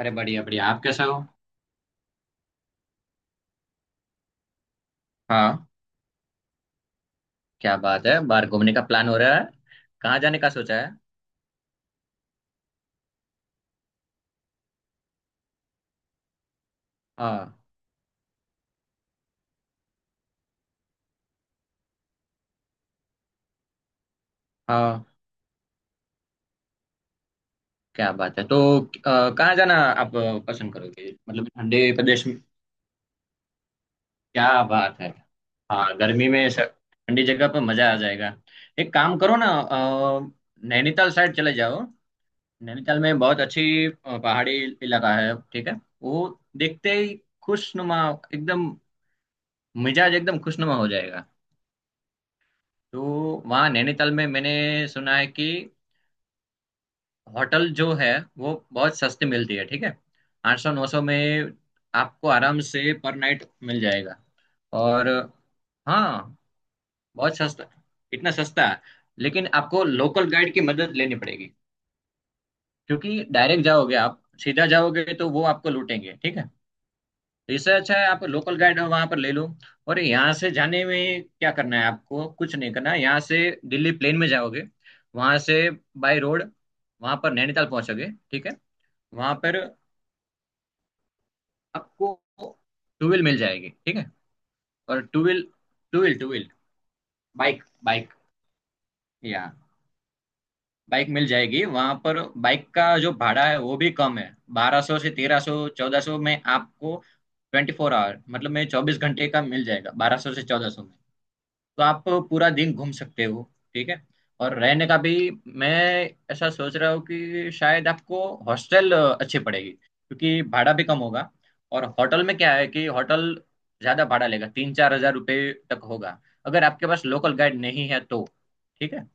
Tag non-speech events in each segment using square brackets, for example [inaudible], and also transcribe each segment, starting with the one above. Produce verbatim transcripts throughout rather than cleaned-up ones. अरे बढ़िया बढ़िया, आप कैसे हो। हाँ। क्या बात है, बाहर घूमने का प्लान हो रहा है। कहाँ जाने का सोचा है। हाँ हाँ क्या बात है। तो अ, कहाँ जाना आप अ, पसंद करोगे, मतलब ठंडे प्रदेश में। क्या बात है। हाँ गर्मी में स- ठंडी जगह पर मजा आ जाएगा। एक काम करो ना, अ, नैनीताल साइड चले जाओ। नैनीताल में बहुत अच्छी अ, पहाड़ी इलाका है, ठीक है। वो देखते ही खुशनुमा, एकदम मिजाज एकदम खुशनुमा हो जाएगा। तो वहाँ नैनीताल में मैंने सुना है कि होटल जो है वो बहुत सस्ती मिलती है, ठीक है। आठ सौ नौ सौ में आपको आराम से पर नाइट मिल जाएगा। और हाँ, बहुत सस्ता, इतना सस्ता है। लेकिन आपको लोकल गाइड की मदद लेनी पड़ेगी, क्योंकि डायरेक्ट जाओगे, आप सीधा जाओगे तो वो आपको लूटेंगे, ठीक है। तो इससे अच्छा है आप लोकल गाइड वहां पर ले लो। और यहाँ से जाने में क्या करना है, आपको कुछ नहीं करना है। यहाँ से दिल्ली प्लेन में जाओगे, वहां से बाय रोड वहां पर नैनीताल पहुंचोगे, ठीक है। वहां पर आपको टू व्हील मिल जाएगी, ठीक है। और two wheel two wheel two wheel, bike, bike या बाइक मिल जाएगी वहां पर। बाइक का जो भाड़ा है वो भी कम है। बारह सौ से तेरह सौ चौदह सौ में आपको ट्वेंटी फोर आवर मतलब में चौबीस घंटे का मिल जाएगा, बारह सौ से चौदह सौ में। तो आप पूरा दिन घूम सकते हो, ठीक है। और रहने का भी मैं ऐसा सोच रहा हूँ कि शायद आपको हॉस्टल अच्छी पड़ेगी, क्योंकि भाड़ा भी कम होगा। और होटल में क्या है कि होटल ज्यादा भाड़ा लेगा, तीन चार हजार रुपये तक होगा, अगर आपके पास लोकल गाइड नहीं है तो। ठीक है।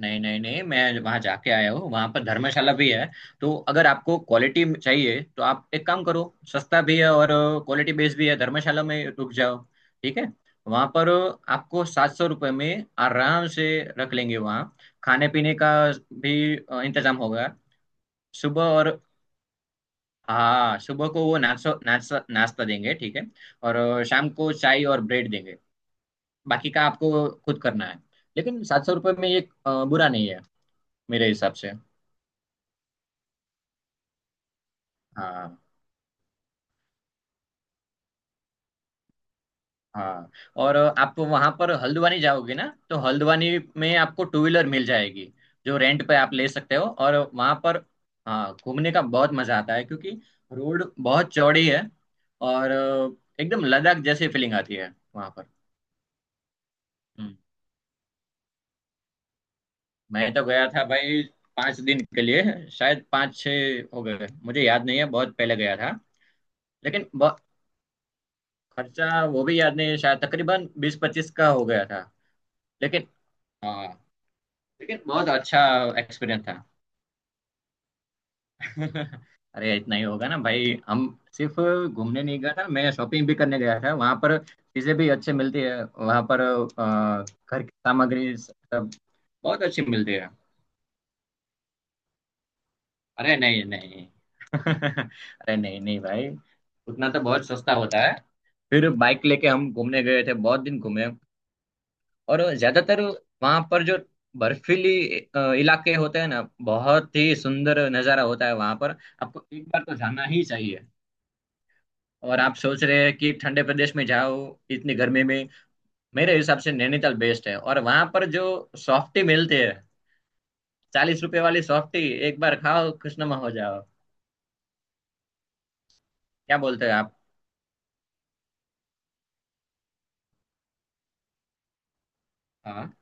नहीं नहीं नहीं, मैं वहां जाके आया हूँ, वहां पर धर्मशाला भी है। तो अगर आपको क्वालिटी चाहिए तो आप एक काम करो, सस्ता भी है और क्वालिटी बेस्ड भी है, धर्मशाला में रुक जाओ, ठीक है। वहां पर आपको सात सौ रुपये में आराम से रख लेंगे। वहाँ खाने पीने का भी अ, इंतजाम होगा। सुबह और, हाँ, सुबह को वो नाश्ता नाश्ता नाश्ता देंगे, ठीक है। और अ, शाम को चाय और ब्रेड देंगे। बाकी का आपको खुद करना है। लेकिन सात सौ रुपये में ये अ, बुरा नहीं है मेरे हिसाब से। हाँ हाँ। और आप वहां पर हल्द्वानी जाओगे ना, तो हल्द्वानी में आपको टू व्हीलर मिल जाएगी, जो रेंट पे आप ले सकते हो। और वहां पर, हाँ, घूमने का बहुत मजा आता है, क्योंकि रोड बहुत चौड़ी है। और एकदम लद्दाख जैसी फीलिंग आती है वहां पर। हम्म, मैं तो गया था भाई, पांच दिन के लिए, शायद पाँच छः हो गए, मुझे याद नहीं है, बहुत पहले गया था। लेकिन बहुत खर्चा वो भी याद नहीं है, शायद तकरीबन बीस पच्चीस का हो गया था। लेकिन हाँ, लेकिन बहुत अच्छा एक्सपीरियंस था। [laughs] अरे इतना ही होगा ना भाई, हम सिर्फ घूमने नहीं गया था, मैं शॉपिंग भी करने गया था। वहां पर चीजें भी अच्छे मिलती है वहां पर। अ, घर की सामग्री सब बहुत अच्छी मिलती है। अरे नहीं नहीं। [laughs] अरे नहीं नहीं भाई, उतना तो बहुत सस्ता होता है। फिर बाइक लेके हम घूमने गए थे, बहुत दिन घूमे। और ज्यादातर वहां पर जो बर्फीली अ, इलाके होते हैं ना, बहुत ही सुंदर नजारा होता है वहां पर। आपको एक बार तो जाना ही चाहिए। और आप सोच रहे हैं कि ठंडे प्रदेश में जाओ इतनी गर्मी में, मेरे हिसाब से नैनीताल बेस्ट है। और वहां पर जो सॉफ्टी मिलती है, चालीस रुपए वाली सॉफ्टी, एक बार खाओ खुशनुमा हो जाओ। क्या बोलते हैं आप। हाँ।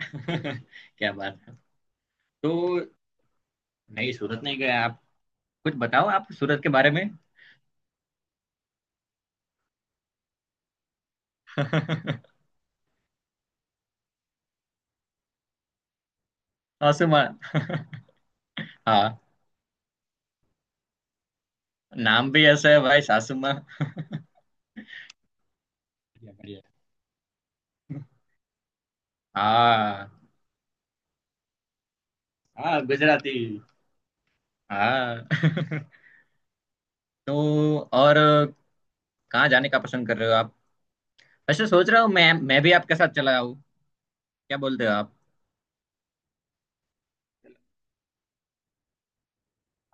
[laughs] क्या बात है। तो नहीं, सूरत नहीं गए आप। कुछ बताओ आप सूरत के बारे में। सासुमा। हाँ, नाम भी ऐसा है भाई, सासुमा। बढ़िया बढ़िया। हाँ हाँ गुजराती, हाँ। तो और कहाँ जाने का पसंद कर रहे हो आप। वैसे सोच रहा हूँ, मैं मैं भी आपके साथ चला। क्या बोलते हो आप।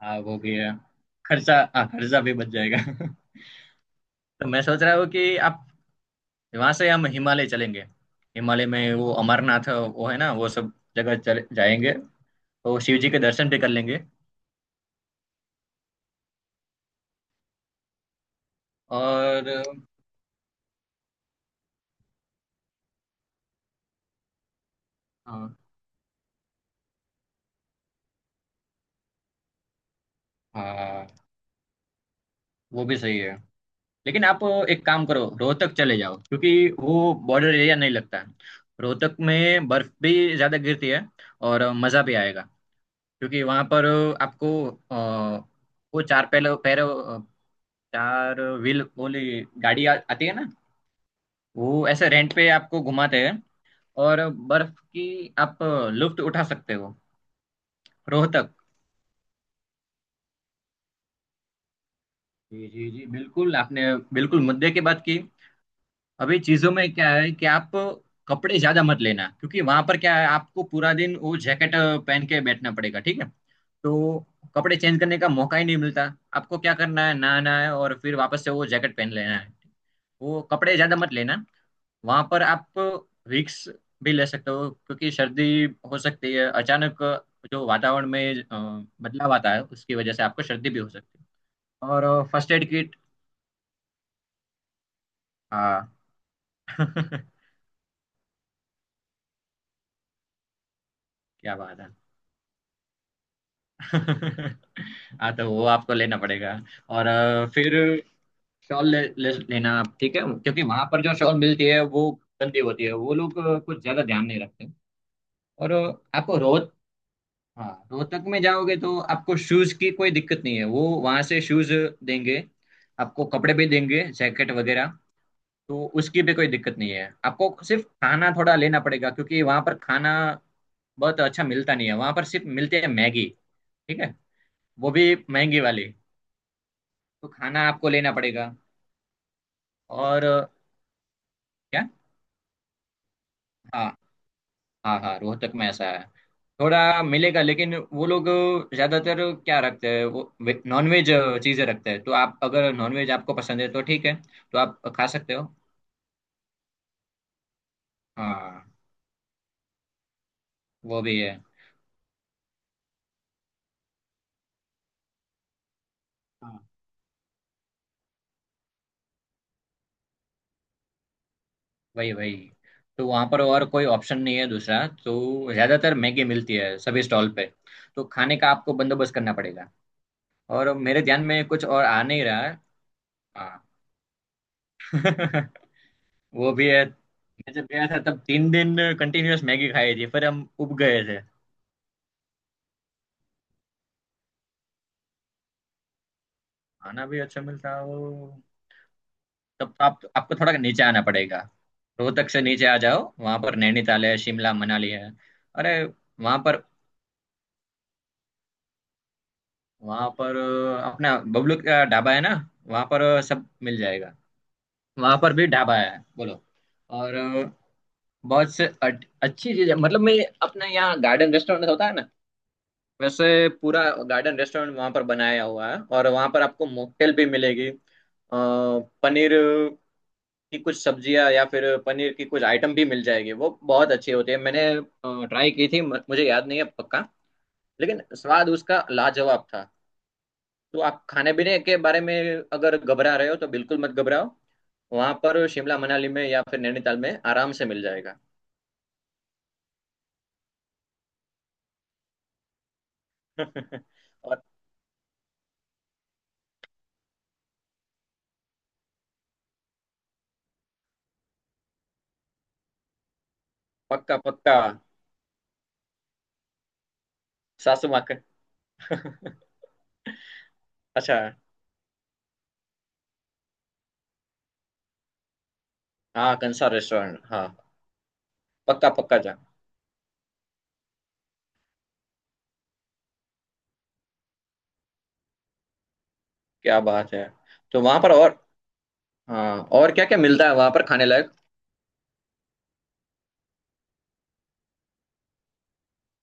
हाँ वो भी है, खर्चा, हाँ खर्चा भी बच जाएगा। [laughs] तो मैं सोच रहा हूँ कि आप वहां से हम हिमालय चलेंगे। हिमालय में वो अमरनाथ वो है ना, वो सब जगह चले जाएंगे, तो शिव जी के दर्शन भी कर लेंगे। और हाँ हाँ, वो भी सही है। लेकिन आप एक काम करो, रोहतक चले जाओ, क्योंकि वो बॉर्डर एरिया नहीं लगता है। रोहतक में बर्फ भी ज्यादा गिरती है और मजा भी आएगा, क्योंकि वहां पर आपको अ, वो चार पैर पैर अ, चार व्हील वाली गाड़ी आ, आती है ना। वो ऐसे रेंट पे आपको घुमाते हैं, और बर्फ की आप लुफ्त उठा सकते हो रोहतक। जी जी जी, बिल्कुल आपने बिल्कुल मुद्दे की बात की। अभी चीजों में क्या है कि आप कपड़े ज्यादा मत लेना, क्योंकि वहां पर क्या है, आपको पूरा दिन वो जैकेट पहन के बैठना पड़ेगा, ठीक है। तो कपड़े चेंज करने का मौका ही नहीं मिलता। आपको क्या करना है, नहाना है और फिर वापस से वो जैकेट पहन लेना है। वो कपड़े ज्यादा मत लेना। वहां पर आप विक्स भी ले सकते हो, क्योंकि सर्दी हो सकती है अचानक, जो वातावरण में अ, बदलाव आता है उसकी वजह से आपको सर्दी भी हो सकती है। और फर्स्ट एड किट, हाँ। [laughs] क्या बात है। [laughs] हाँ, तो वो आपको लेना पड़ेगा। और अ, फिर शॉल ले, ले, लेना आप, ठीक है, क्योंकि वहां पर जो शॉल मिलती है वो गंदी होती है, वो लोग अ, कुछ ज्यादा ध्यान नहीं रखते। और अ, आपको रोहत हाँ, रोहतक में जाओगे तो आपको शूज की कोई दिक्कत नहीं है, वो वहां से शूज देंगे, आपको कपड़े भी देंगे, जैकेट वगैरह, तो उसकी भी कोई दिक्कत नहीं है। आपको सिर्फ खाना थोड़ा लेना पड़ेगा, क्योंकि वहां पर खाना बहुत अच्छा मिलता नहीं है। वहां पर सिर्फ मिलते हैं मैगी, ठीक है, वो भी महंगी वाली। तो खाना आपको लेना पड़ेगा। और क्या, हाँ हाँ हाँ, रोहतक में ऐसा है। थोड़ा मिलेगा लेकिन वो लोग ज्यादातर क्या रखते हैं, वो नॉनवेज चीजें रखते हैं। तो आप अगर नॉनवेज आपको पसंद है तो ठीक है, तो आप खा सकते हो। हाँ वो भी है। हाँ वही वही। तो वहाँ पर और कोई ऑप्शन नहीं है दूसरा, तो ज्यादातर मैगी मिलती है सभी स्टॉल पे। तो खाने का आपको बंदोबस्त करना पड़ेगा। और मेरे ध्यान में कुछ और आ नहीं रहा है। हाँ। [laughs] वो भी है, मैं जब गया था तब तीन दिन कंटिन्यूअस मैगी खाई थी, फिर हम उब गए थे। खाना भी अच्छा मिलता है वो, तब तो आप आपको थोड़ा नीचे आना पड़ेगा। रोहतक से नीचे आ जाओ, वहां पर नैनीताल है, शिमला मनाली है। अरे वहां पर, वहां पर अ, अपना बबलू का ढाबा है ना, वहां पर अ, सब मिल जाएगा। वहां पर भी ढाबा है, बोलो। और अ, बहुत से अट- अच्छी चीज है, मतलब मैं, अपना यहाँ गार्डन रेस्टोरेंट होता है ना, वैसे पूरा गार्डन रेस्टोरेंट वहां पर बनाया हुआ है। और वहां पर आपको मॉकटेल भी मिलेगी, अ, पनीर की कुछ सब्जियां या फिर पनीर की कुछ आइटम भी मिल जाएगी, वो बहुत अच्छी होती है। मैंने ट्राई की थी, म- मुझे याद नहीं है पक्का, लेकिन स्वाद उसका लाजवाब था। तो आप खाने पीने के बारे में अगर घबरा रहे हो तो बिल्कुल मत घबराओ, वहां पर शिमला मनाली में या फिर नैनीताल में आराम से मिल जाएगा। [laughs] और पक्का पक्का। सासू माँ का-। अच्छा, हाँ, कंसार रेस्टोरेंट, हाँ। पक्का पक्का जा। क्या बात है। तो वहां पर, और हाँ, और क्या क्या मिलता है वहां पर खाने लायक।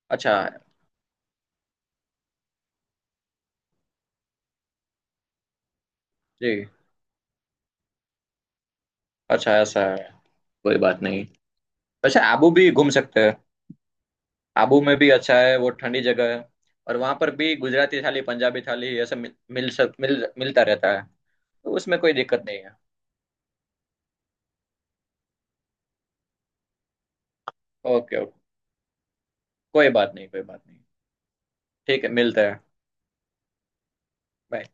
अच्छा। जी। अच्छा, ऐसा है। कोई बात नहीं। अच्छा आबू भी घूम सकते हैं। आबू में भी अच्छा है, वो ठंडी जगह है। और वहां पर भी गुजराती थाली, पंजाबी थाली ऐसा मिल मिल सक मिल मिलता रहता है। तो उसमें कोई दिक्कत नहीं है। ओके ओके, कोई बात नहीं कोई बात नहीं। ठीक है, मिलते हैं। Bye.